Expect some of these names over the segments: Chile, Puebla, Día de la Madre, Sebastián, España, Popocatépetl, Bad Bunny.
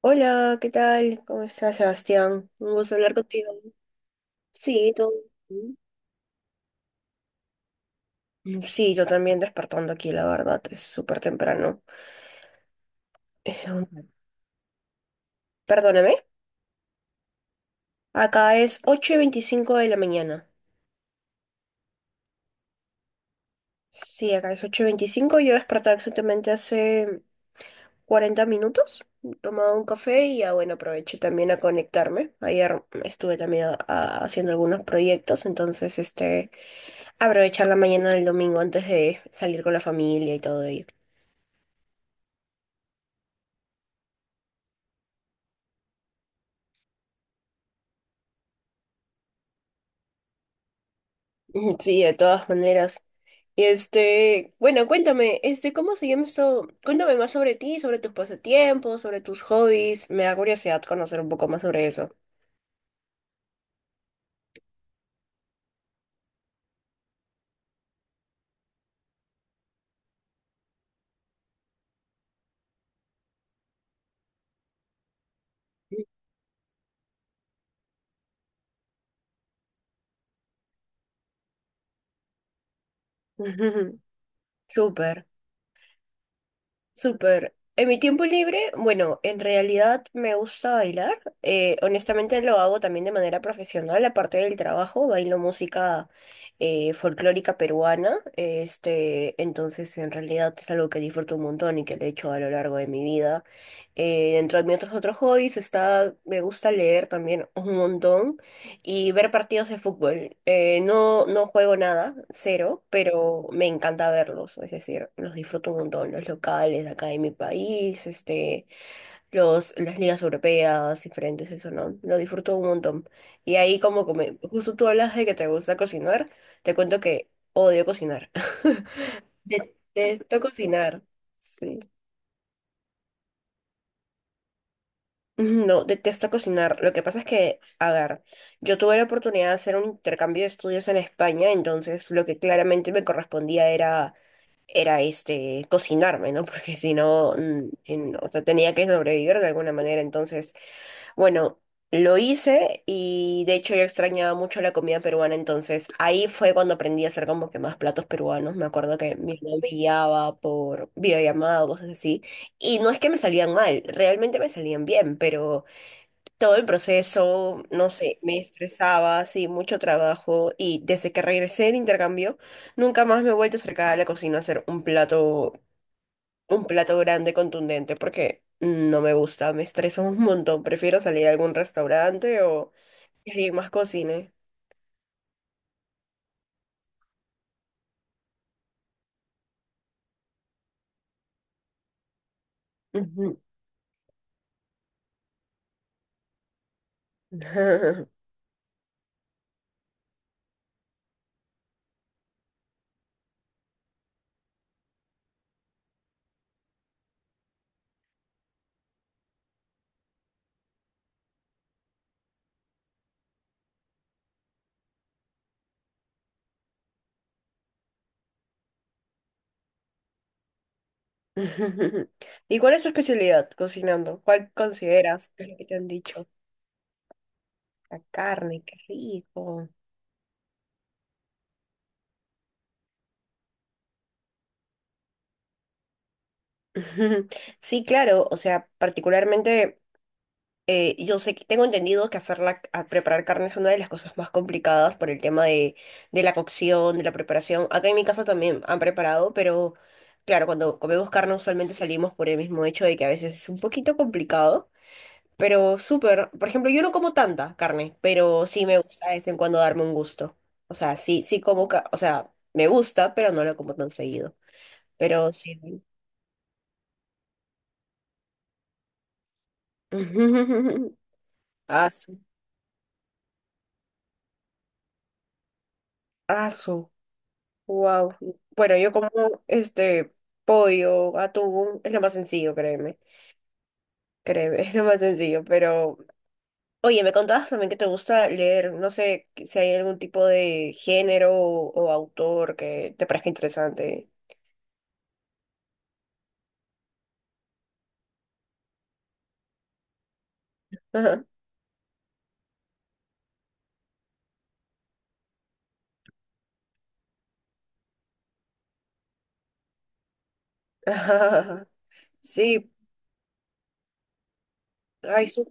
Hola, ¿qué tal? ¿Cómo estás, Sebastián? Un gusto hablar contigo. Sí, todo bien. Mm, sí, yo también despertando aquí, la verdad, es súper temprano. Eh, un- Perdóname. Acá es 8:25 de la mañana. Sí, acá es ocho y 25. Yo desperté exactamente hace 40 minutos. Tomaba un café y ya, bueno, aproveché también a conectarme. Ayer estuve también haciendo algunos proyectos, entonces, este, aprovechar la mañana del domingo antes de salir con la familia y todo ello. Ujú, sí, de todas maneras. Y este, bueno, cuéntame, este, ¿cómo se llama esto? Cuéntame más sobre ti, sobre tus pasatiempos, sobre tus hobbies. Me da curiosidad conocer un poco más sobre eso. Ujú, súper. Súper. En mi tiempo libre, bueno, en realidad me gusta bailar. Honestamente lo hago también de manera profesional, aparte del trabajo, bailo música folclórica peruana. Este, entonces, en realidad es algo que disfruto un montón y que lo he hecho a lo largo de mi vida. Dentro de mis otros hobbies está, me gusta leer también un montón y ver partidos de fútbol. No, no juego nada, cero, pero me encanta verlos, es decir, los disfruto un montón, los locales de acá de mi país, este, las ligas europeas, diferentes, eso, ¿no? Lo disfruto un montón. Y ahí como, justo tú hablas de que te gusta cocinar, te cuento que odio cocinar. Detesto cocinar. Sí. No, detesto cocinar. Lo que pasa es que, a ver, yo tuve la oportunidad de hacer un intercambio de estudios en España, entonces lo que claramente me correspondía era este, cocinarme, ¿no? Porque si no, o sea, tenía que sobrevivir de alguna manera. Entonces, bueno, lo hice y de hecho yo extrañaba mucho la comida peruana, entonces ahí fue cuando aprendí a hacer como que más platos peruanos. Me acuerdo que mi mamá me guiaba por videollamada o cosas así. Y no es que me salían mal, realmente me salían bien, pero todo el proceso, no sé, me estresaba, sí, mucho trabajo y desde que regresé del intercambio, nunca más me he vuelto a acercar a la cocina a hacer un plato grande, contundente, porque no me gusta, me estreso un montón, prefiero salir a algún restaurante o que alguien más cocine. Ujú. ¿Y cuál es tu especialidad cocinando? ¿Cuál consideras que es lo que te han dicho? La carne, qué rico. Sí, claro, o sea, particularmente... Yo sé que tengo entendido que hacer la, a preparar carne es una de las cosas más complicadas por el tema de la cocción, de la preparación. Acá en mi casa también han preparado, pero claro, cuando comemos carne usualmente salimos por el mismo hecho de que a veces es un poquito complicado, pero súper. Por ejemplo, yo no como tanta carne, pero sí me gusta de vez en cuando darme un gusto. O sea, sí, sí como, o sea, me gusta, pero no lo como tan seguido. Pero sí. Aso, aso. Wow. Bueno, yo como este pollo, atún, es lo más sencillo, créeme. Créeme, es lo más sencillo. Pero, oye, me contabas también que te gusta leer. No sé si hay algún tipo de género o autor que te parezca interesante. Ajá. Sí, ay, su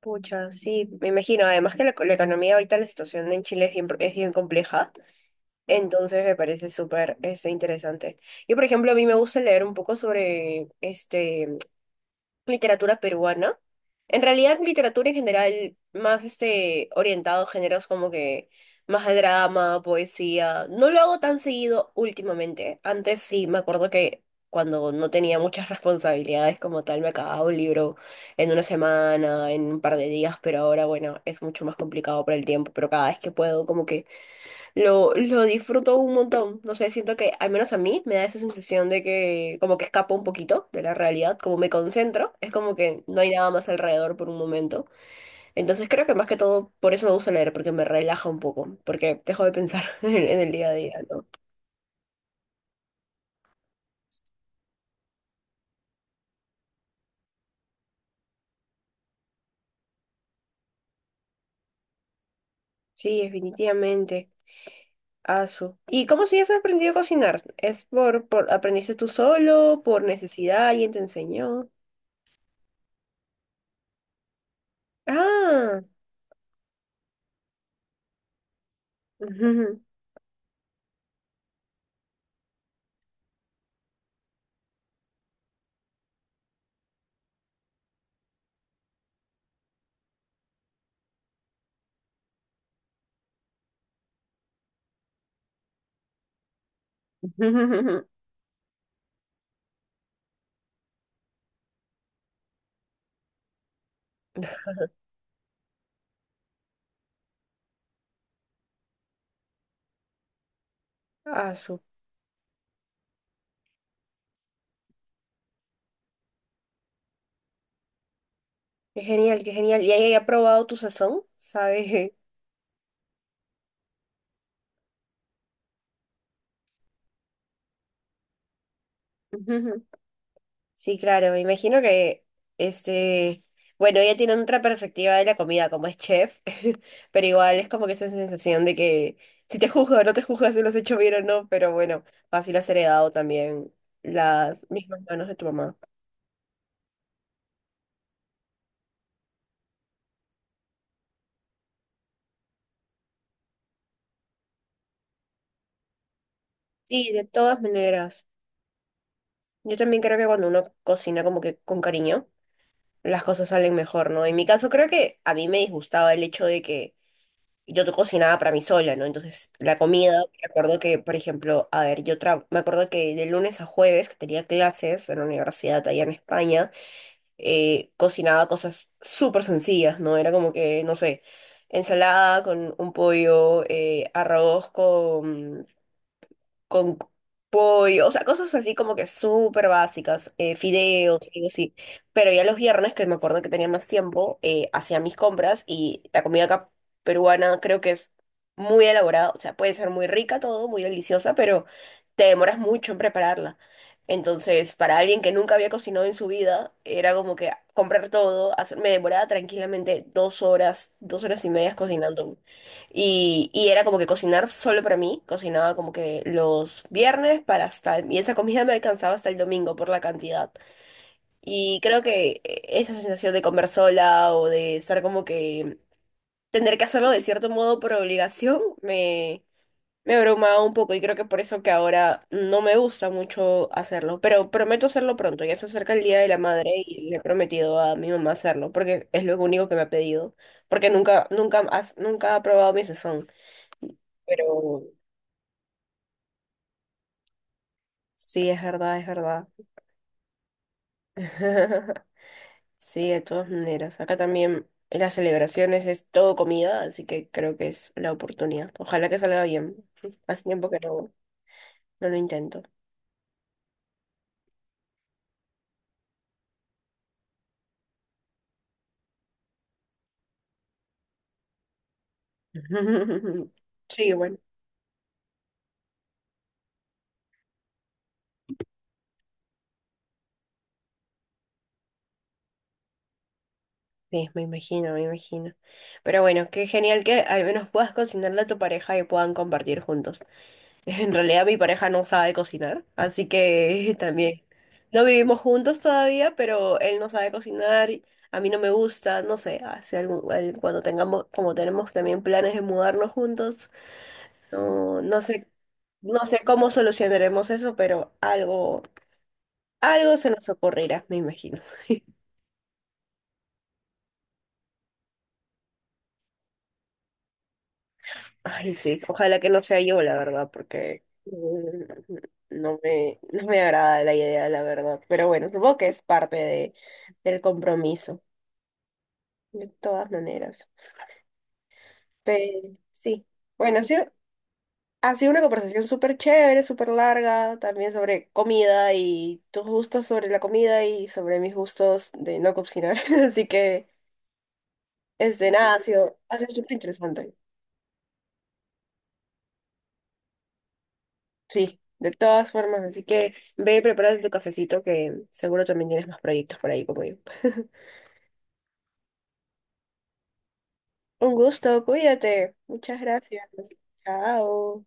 pucha, sí, me imagino. Además que la economía ahorita, la situación en Chile es bien compleja. Entonces me parece súper este, interesante. Yo, por ejemplo, a mí me gusta leer un poco sobre este, literatura peruana. En realidad, literatura en general, más este, orientado a géneros como que más de drama, poesía. No lo hago tan seguido últimamente. Antes sí, me acuerdo que cuando no tenía muchas responsabilidades como tal, me acababa un libro en una semana, en un par de días, pero ahora, bueno, es mucho más complicado por el tiempo, pero cada vez que puedo, como que lo disfruto un montón. No sé, siento que al menos a mí me da esa sensación de que como que escapo un poquito de la realidad, como me concentro, es como que no hay nada más alrededor por un momento. Entonces creo que más que todo por eso me gusta leer, porque me relaja un poco, porque dejo de pensar en el día a día, ¿no? Sí, definitivamente. Asu. ¿Y cómo si has aprendido a cocinar? ¿Es por aprendiste tú solo, por necesidad, alguien te enseñó? Ah. Asu. Qué genial, qué genial. ¿Y ahí ha probado tu sazón? ¿Sabes? Ujú. Sí, claro, me imagino que, este, bueno, ella tiene otra perspectiva de la comida, como es chef, pero igual es como que esa sensación de que si te juzgo o no te juzgas si lo has hecho bien o no, pero bueno, fácil has heredado también las mismas manos de tu mamá. Sí, de todas maneras. Yo también creo que cuando uno cocina como que con cariño, las cosas salen mejor, ¿no? En mi caso creo que a mí me disgustaba el hecho de que cocinaba para mí sola, ¿no? Entonces, la comida, me acuerdo que, por ejemplo, a ver, me acuerdo que de lunes a jueves, que tenía clases en la universidad allá en España, cocinaba cosas súper sencillas, ¿no? Era como que, no sé, ensalada con un pollo, arroz con con pollo, o sea, cosas así como que súper básicas, fideos, algo así. Pero ya los viernes, que me acuerdo que tenía más tiempo, hacía mis compras y la comida acá peruana creo que es muy elaborada, o sea, puede ser muy rica todo, muy deliciosa, pero te demoras mucho en prepararla. Entonces, para alguien que nunca había cocinado en su vida, era como que comprar todo, me demoraba tranquilamente 2 horas, 2 horas y media cocinando. Y era como que cocinar solo para mí, cocinaba como que los viernes para hasta, y esa comida me alcanzaba hasta el domingo por la cantidad. Y creo que esa sensación de comer sola o de estar como que tener que hacerlo de cierto modo por obligación me abrumaba un poco y creo que por eso que ahora no me gusta mucho hacerlo, pero prometo hacerlo pronto, ya se acerca el Día de la Madre y le he prometido a mi mamá hacerlo porque es lo único que me ha pedido, porque nunca, nunca, nunca ha probado mi sazón. Pero sí, es verdad, es verdad. Sí, de todas maneras. Acá también en las celebraciones es todo comida, así que creo que es la oportunidad. Ojalá que salga bien. Hace tiempo que no, no lo intento. Sí, bueno. Sí, me imagino, me imagino. Pero bueno, qué genial que al menos puedas cocinarle a tu pareja y puedan compartir juntos. En realidad mi pareja no sabe cocinar, así que también no vivimos juntos todavía, pero él no sabe cocinar, y a mí no me gusta, no sé, hace cuando tengamos, como tenemos también planes de mudarnos juntos, no, no sé cómo solucionaremos eso, pero algo se nos ocurrirá, me imagino. Ay, sí, ojalá que no sea yo, la verdad, porque no me agrada la idea, la verdad. Pero bueno, supongo que es parte de, del compromiso, de todas maneras. Pero sí, bueno, ha sido una conversación súper chévere, súper larga, también sobre comida y tus gustos sobre la comida y sobre mis gustos de no cocinar. Así que, este, nada, ha sido súper interesante. Sí, de todas formas, así que ve y prepárate tu cafecito que seguro también tienes más proyectos por ahí como yo. Un gusto, cuídate. Muchas gracias. Chao.